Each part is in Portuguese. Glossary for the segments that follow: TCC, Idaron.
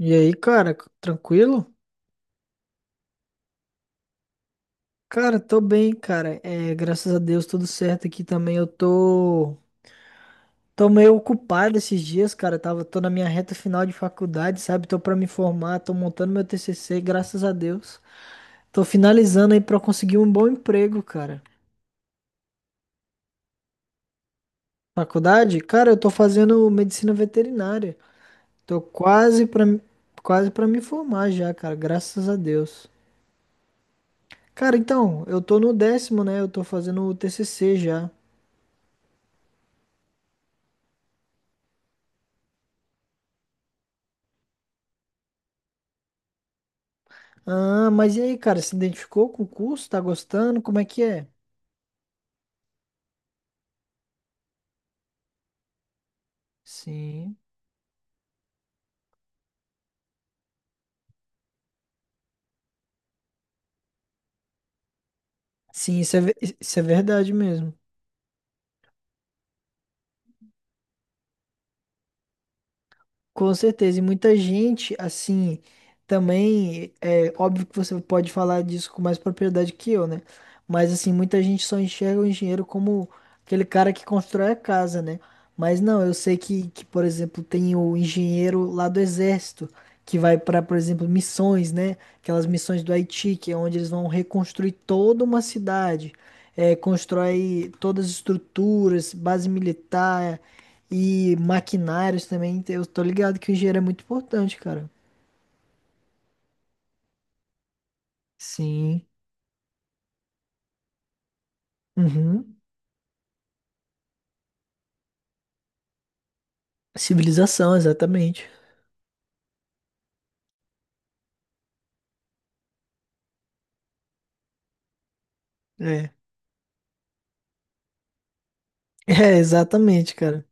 E aí, cara, tranquilo? Cara, tô bem, cara. É, graças a Deus, tudo certo aqui também. Eu tô meio ocupado esses dias, cara. Tô na minha reta final de faculdade, sabe? Tô pra me formar, tô montando meu TCC, graças a Deus. Tô finalizando aí pra conseguir um bom emprego, cara. Faculdade? Cara, eu tô fazendo medicina veterinária. Tô quase pra, quase pra me formar já, cara, graças a Deus. Cara, então, eu tô no décimo, né? Eu tô fazendo o TCC já. Ah, mas e aí, cara, se identificou com o curso? Tá gostando? Como é que é? Sim. Sim, isso é, ve- isso é verdade mesmo. Com certeza, e muita gente, assim, também, é óbvio que você pode falar disso com mais propriedade que eu, né? Mas, assim, muita gente só enxerga o engenheiro como aquele cara que constrói a casa, né? Mas não, eu sei que por exemplo, tem o engenheiro lá do exército, que vai para, por exemplo, missões, né? Aquelas missões do Haiti, que é onde eles vão reconstruir toda uma cidade, é, constrói todas as estruturas, base militar. E maquinários também, eu tô ligado que o engenheiro é muito importante, cara. Sim. Uhum. Civilização, exatamente. É. É, exatamente, cara.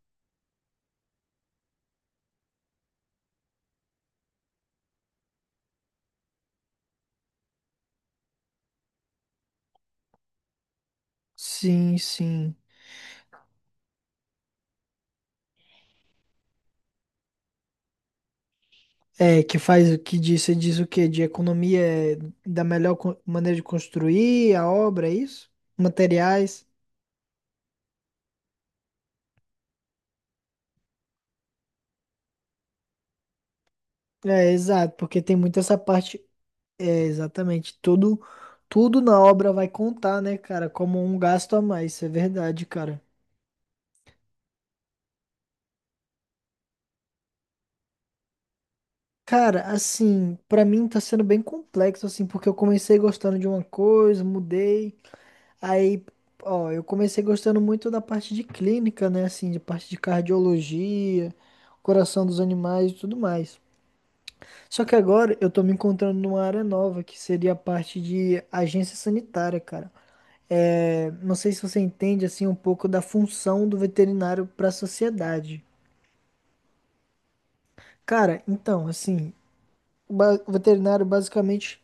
Sim, sim. É, que faz o que diz, você diz o quê? De economia é da melhor maneira de construir a obra, é isso? Materiais. É, exato, porque tem muito essa parte. É, exatamente. Tudo, tudo na obra vai contar, né, cara? Como um gasto a mais, isso é verdade, cara. Cara, assim, pra mim tá sendo bem complexo, assim, porque eu comecei gostando de uma coisa, mudei. Aí, ó, eu comecei gostando muito da parte de clínica, né, assim, de parte de cardiologia, coração dos animais e tudo mais. Só que agora eu tô me encontrando numa área nova, que seria a parte de agência sanitária, cara. É, não sei se você entende, assim, um pouco da função do veterinário pra sociedade. Cara, então, assim. O veterinário basicamente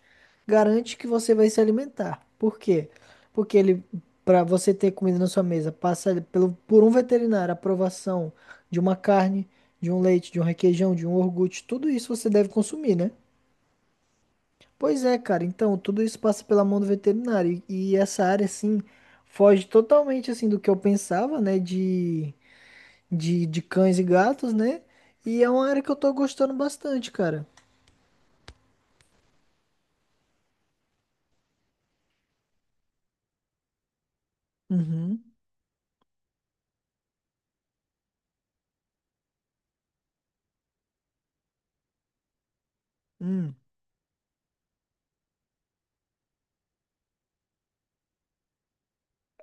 garante que você vai se alimentar. Por quê? Porque ele, para você ter comida na sua mesa, passa ali pelo, por um veterinário a aprovação de uma carne, de um leite, de um requeijão, de um iogurte, tudo isso você deve consumir, né? Pois é, cara. Então, tudo isso passa pela mão do veterinário. E essa área, assim, foge totalmente, assim, do que eu pensava, né? De cães e gatos, né? E é uma área que eu tô gostando bastante, cara. Uhum. Hum.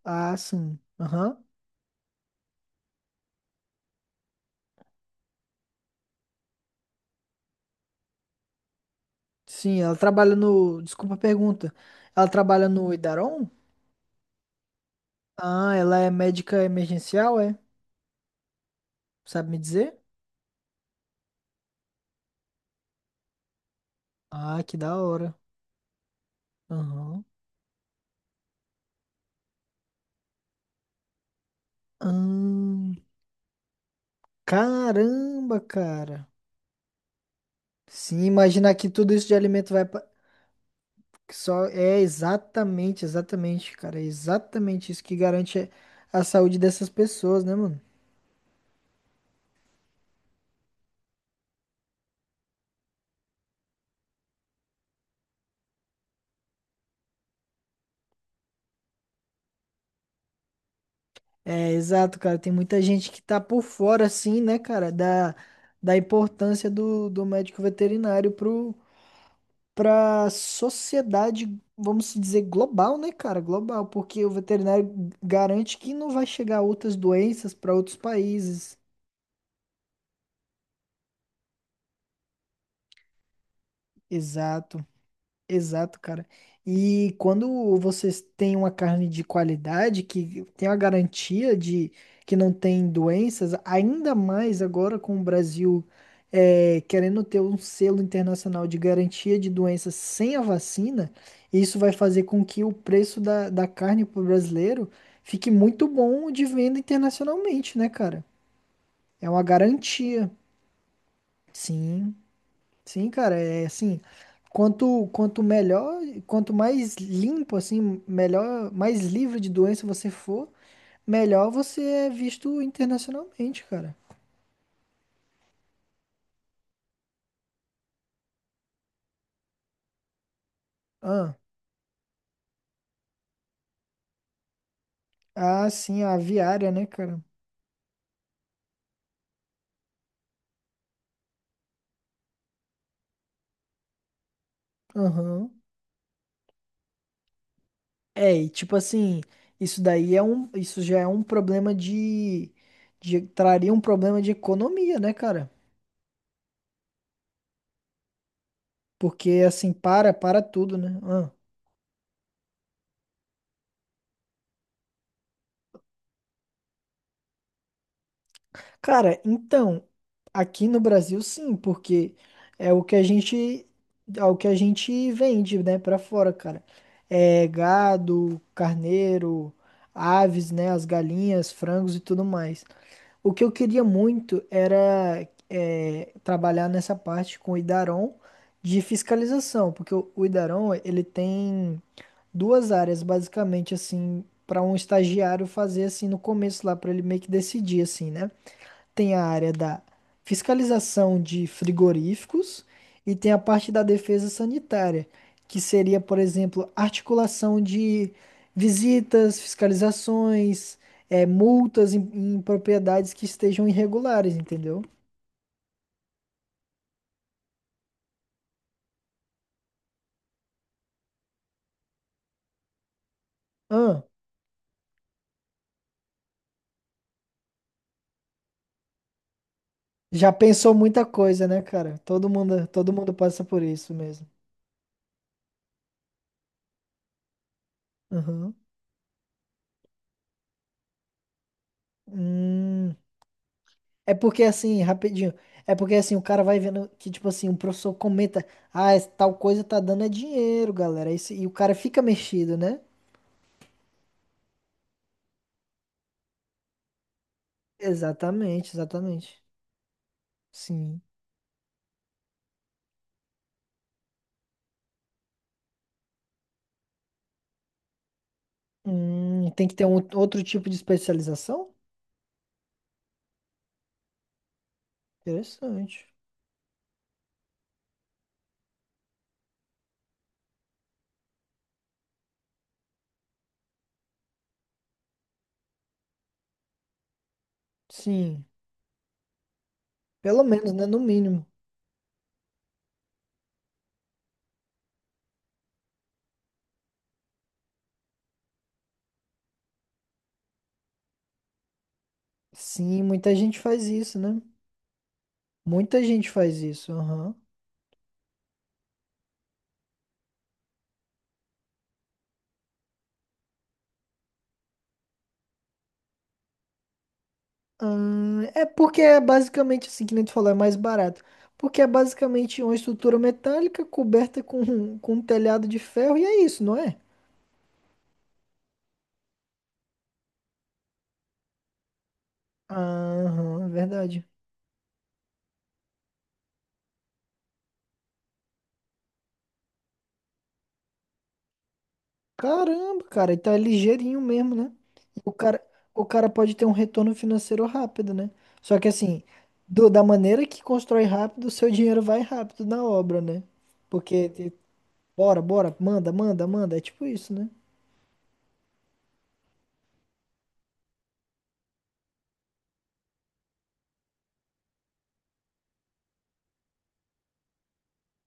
Ah, sim. Aham. Sim, ela trabalha no. Desculpa a pergunta. Ela trabalha no Idaron? Ah, ela é médica emergencial, é? Sabe me dizer? Ah, que da hora. Aham. Ahn, caramba, cara. Sim, imaginar que tudo isso de alimento vai pra... que só é exatamente, exatamente, cara, é exatamente isso que garante a saúde dessas pessoas, né, mano? É, exato, cara. Tem muita gente que tá por fora, assim, né, cara, da importância do, do médico veterinário pra sociedade, vamos se dizer, global, né, cara? Global, porque o veterinário garante que não vai chegar outras doenças para outros países. Exato. Exato, cara. E quando vocês têm uma carne de qualidade, que tem a garantia de que não tem doenças, ainda mais agora com o Brasil querendo ter um selo internacional de garantia de doenças sem a vacina, isso vai fazer com que o preço da carne para o brasileiro fique muito bom de venda internacionalmente, né, cara? É uma garantia. Sim. Sim, cara, é assim, quanto melhor, quanto mais limpo assim, melhor, mais livre de doença você for, melhor você é visto internacionalmente, cara. Ah, ah, sim, a aviária, né, cara? Aham. É, e tipo assim, isso daí é um, isso já é um problema de traria um problema de economia, né, cara? Porque assim, para, para tudo, né? Cara, então, aqui no Brasil sim, porque é o que a gente é o que a gente vende, né, pra fora, cara. É gado, carneiro, aves, né, as galinhas, frangos e tudo mais. O que eu queria muito era trabalhar nessa parte com o Idaron de fiscalização, porque o Idaron, ele tem duas áreas basicamente assim para um estagiário fazer assim no começo lá para ele meio que decidir assim, né? Tem a área da fiscalização de frigoríficos e tem a parte da defesa sanitária, que seria, por exemplo, articulação de visitas, fiscalizações, multas em propriedades que estejam irregulares, entendeu? Ah, já pensou muita coisa, né, cara? Todo mundo passa por isso mesmo. Aham. Hum. É porque assim, rapidinho. É porque assim, o cara vai vendo que, tipo assim, um professor comenta, ah, esse tal coisa tá dando é dinheiro, galera. Isso- e o cara fica mexido, né? Exatamente, exatamente. Sim. Tem que ter um outro tipo de especialização? Interessante. Sim. Pelo menos, né? No mínimo. Sim, muita gente faz isso, né? Muita gente faz isso. Aham. É porque é basicamente assim que nem tu falou, é mais barato. Porque é basicamente uma estrutura metálica coberta com um telhado de ferro e é isso, não é? Aham, verdade. Caramba, cara, então é ligeirinho mesmo, né? O cara, o cara pode ter um retorno financeiro rápido, né? Só que assim, da maneira que constrói rápido, o seu dinheiro vai rápido na obra, né? Porque, te- bora, bora, manda, manda, manda, é tipo isso, né?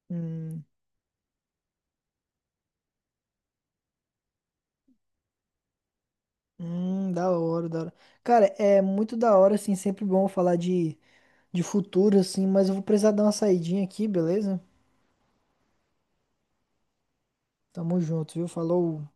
Hum. Da hora, da hora. Cara, é muito da hora, assim, sempre bom falar de futuro, assim, mas eu vou precisar dar uma saidinha aqui, beleza? Tamo junto, viu? Falou.